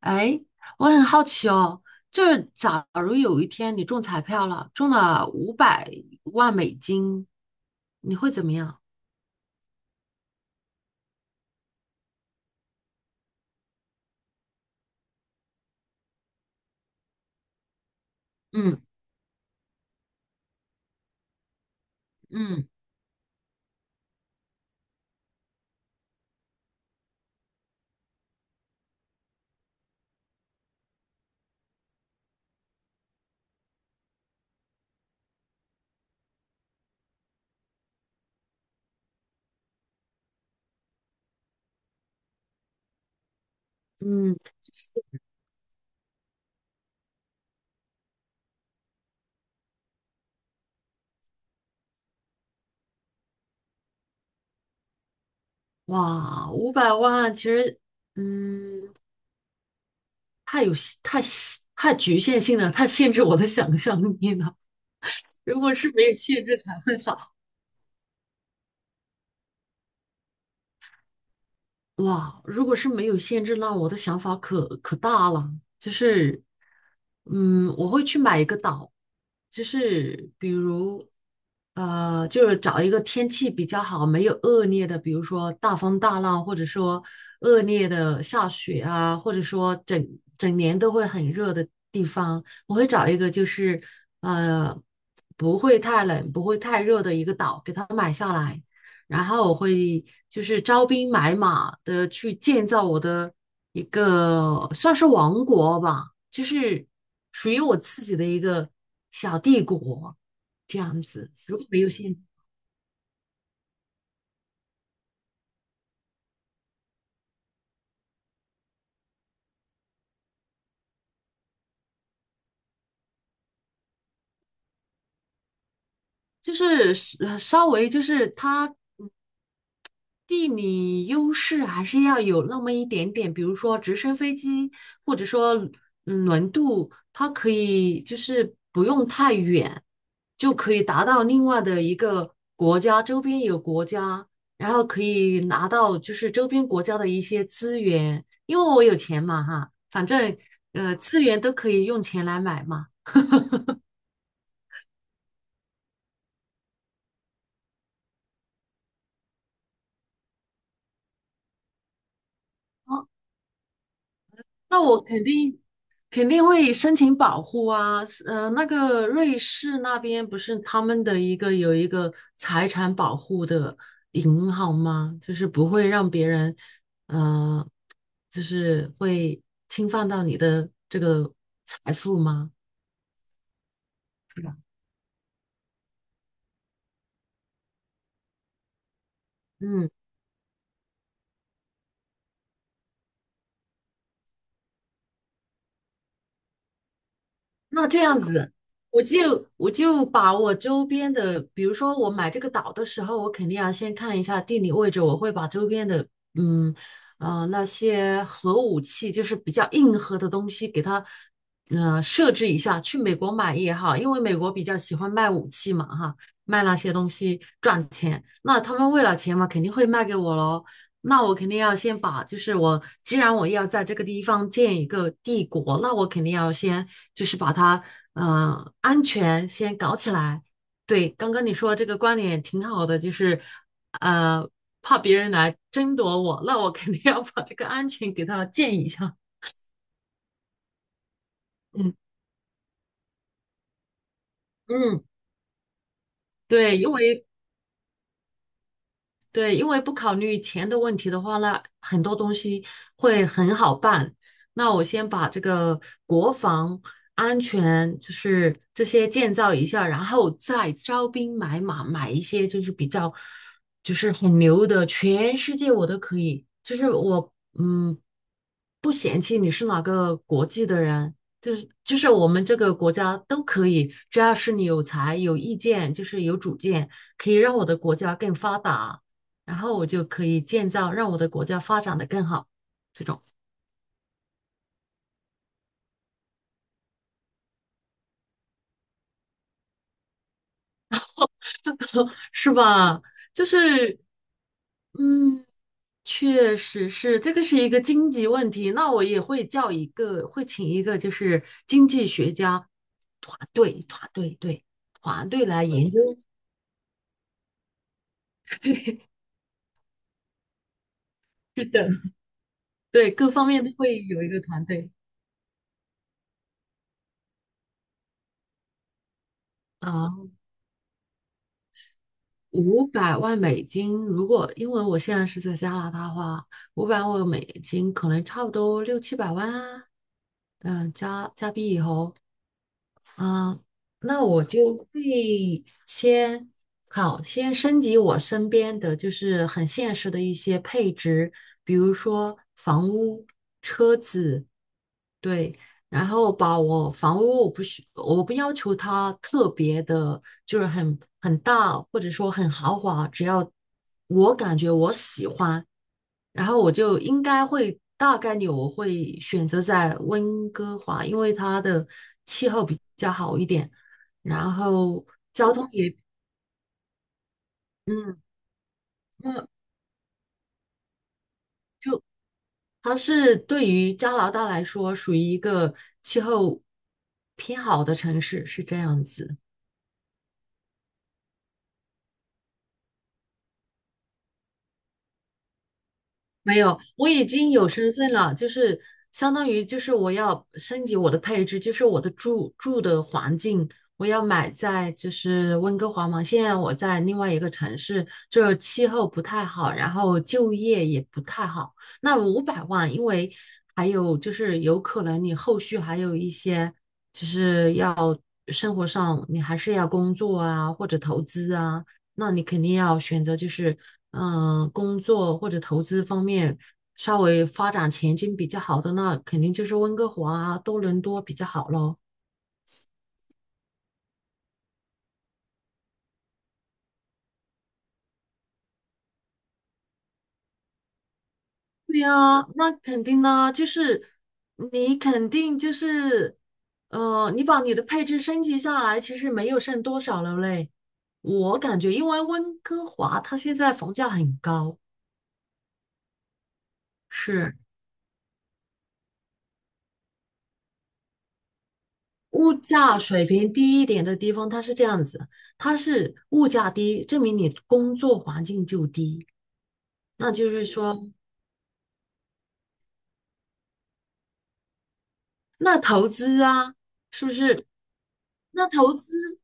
哎，我很好奇哦，就是假如有一天你中彩票了，中了五百万美金，你会怎么样？嗯嗯，嗯，哇，五百万其实，嗯，太局限性了，太限制我的想象力了。如果是没有限制才会好。哇，如果是没有限制，那我的想法可大了，就是，我会去买一个岛，就是比如，就是找一个天气比较好、没有恶劣的，比如说大风大浪，或者说恶劣的下雪啊，或者说整年都会很热的地方，我会找一个就是，呃，不会太冷、不会太热的一个岛，给它买下来。然后我会就是招兵买马的去建造我的一个算是王国吧，就是属于我自己的一个小帝国这样子。如果没有现，就是呃稍微就是他。嗯地理优势还是要有那么一点点，比如说直升飞机，或者说轮渡，它可以就是不用太远，就可以达到另外的一个国家，周边有国家，然后可以拿到就是周边国家的一些资源，因为我有钱嘛哈，反正资源都可以用钱来买嘛。哦，那我肯定会申请保护啊，那个瑞士那边不是他们的一个有一个财产保护的银行吗？就是不会让别人，呃，就是会侵犯到你的这个财富吗？是吧？嗯，那这样子，我就把我周边的，比如说我买这个岛的时候，我肯定要先看一下地理位置，我会把周边的，嗯那些核武器，就是比较硬核的东西，给它设置一下。去美国买也好，因为美国比较喜欢卖武器嘛，哈，卖那些东西赚钱。那他们为了钱嘛，肯定会卖给我喽。那我肯定要先把，就是我既然我要在这个地方建一个帝国，那我肯定要先就是把它，安全先搞起来。对，刚刚你说这个观点挺好的，就是，呃，怕别人来争夺我，那我肯定要把这个安全给它建一下。嗯嗯，对，因为对，因为不考虑钱的问题的话，那很多东西会很好办。那我先把这个国防安全，就是这些建造一下，然后再招兵买马，买一些就是比较就是很牛的，全世界我都可以。就是我嗯，不嫌弃你是哪个国际的人，就是我们这个国家都可以，只要是你有才、有意见，就是有主见，可以让我的国家更发达。然后我就可以建造让我的国家发展的更好，这种是吧？就是嗯，确实是这个是一个经济问题。那我也会叫一个，会请一个就是经济学家团队，团队来研究。对，是的，对各方面都会有一个团队啊。五百万美金，如果因为我现在是在加拿大的话，五百万美金可能差不多六七百万啊。嗯，加币以后，嗯，那我就会先好，先升级我身边的就是很现实的一些配置，比如说房屋、车子，对，然后把我房屋我不要求它特别的，就是很大或者说很豪华，只要我感觉我喜欢，然后我就应该会大概率我会选择在温哥华，因为它的气候比较好一点，然后交通也嗯，那它是对于加拿大来说属于一个气候偏好的城市，是这样子。没有，我已经有身份了，就是相当于就是我要升级我的配置，就是我的住的环境，我要买在就是温哥华嘛。现在我在另外一个城市，这气候不太好，然后就业也不太好。那五百万，因为还有就是有可能你后续还有一些就是要生活上你还是要工作啊，或者投资啊。那你肯定要选择就是工作或者投资方面稍微发展前景比较好的，那肯定就是温哥华啊、多伦多比较好咯。对呀，那肯定呢，就是你肯定就是，你把你的配置升级下来，其实没有剩多少了嘞。我感觉，因为温哥华它现在房价很高，是。物价水平低一点的地方，它是这样子，它是物价低，证明你工作环境就低，那就是说，那投资啊，是不是？那投资。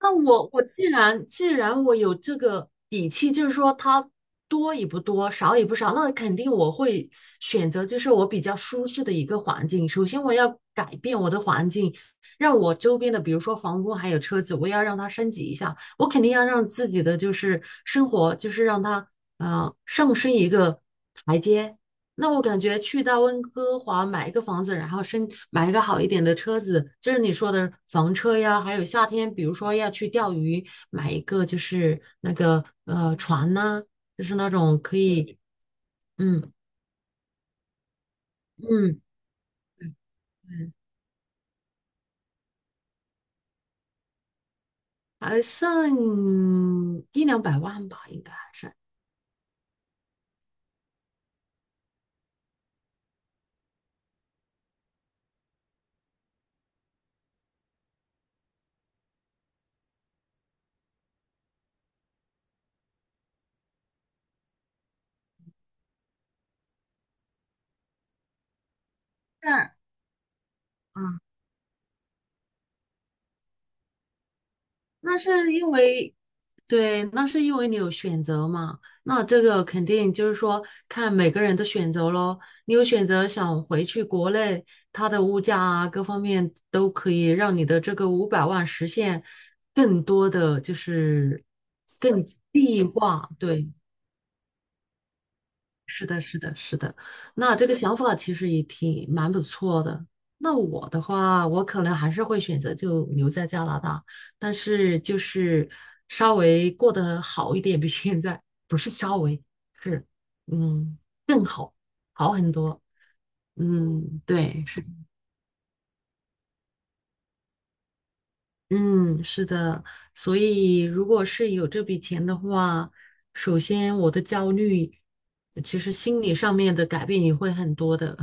那我既然我有这个底气，就是说它多也不多，少也不少，那肯定我会选择就是我比较舒适的一个环境。首先我要改变我的环境，让我周边的，比如说房屋还有车子，我要让它升级一下。我肯定要让自己的就是生活，就是让它上升一个台阶。那我感觉去到温哥华买一个房子，然后买一个好一点的车子，就是你说的房车呀，还有夏天，比如说要去钓鱼，买一个就是那个船呐、就是那种可以，嗯嗯，还剩一两百万吧，应该还是，但啊，那是因为对，那是因为你有选择嘛。那这个肯定就是说，看每个人的选择咯。你有选择想回去国内，它的物价啊，各方面都可以让你的这个五百万实现更多的就是更地化，对，是的，是的，是的。那这个想法其实也挺蛮不错的。那我的话，我可能还是会选择就留在加拿大，但是就是稍微过得好一点，比现在不是稍微，是嗯更好，好很多。嗯，对，是，的，嗯，是的。所以如果是有这笔钱的话，首先我的焦虑，其实心理上面的改变也会很多的。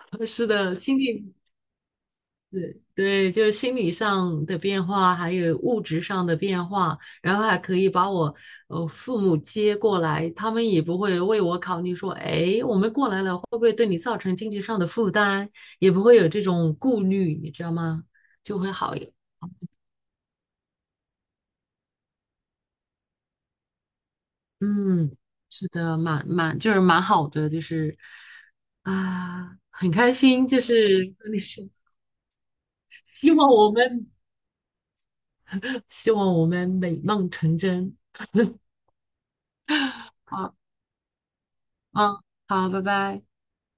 是的，心理对，就是心理上的变化，还有物质上的变化，然后还可以把我父母接过来，他们也不会为我考虑说，哎，我们过来了会不会对你造成经济上的负担，也不会有这种顾虑，你知道吗？就会好一点。嗯，是的，蛮就是蛮好的，就是啊，很开心，就是跟你说，希望我们希望我们美梦成真。好，嗯，好，拜拜。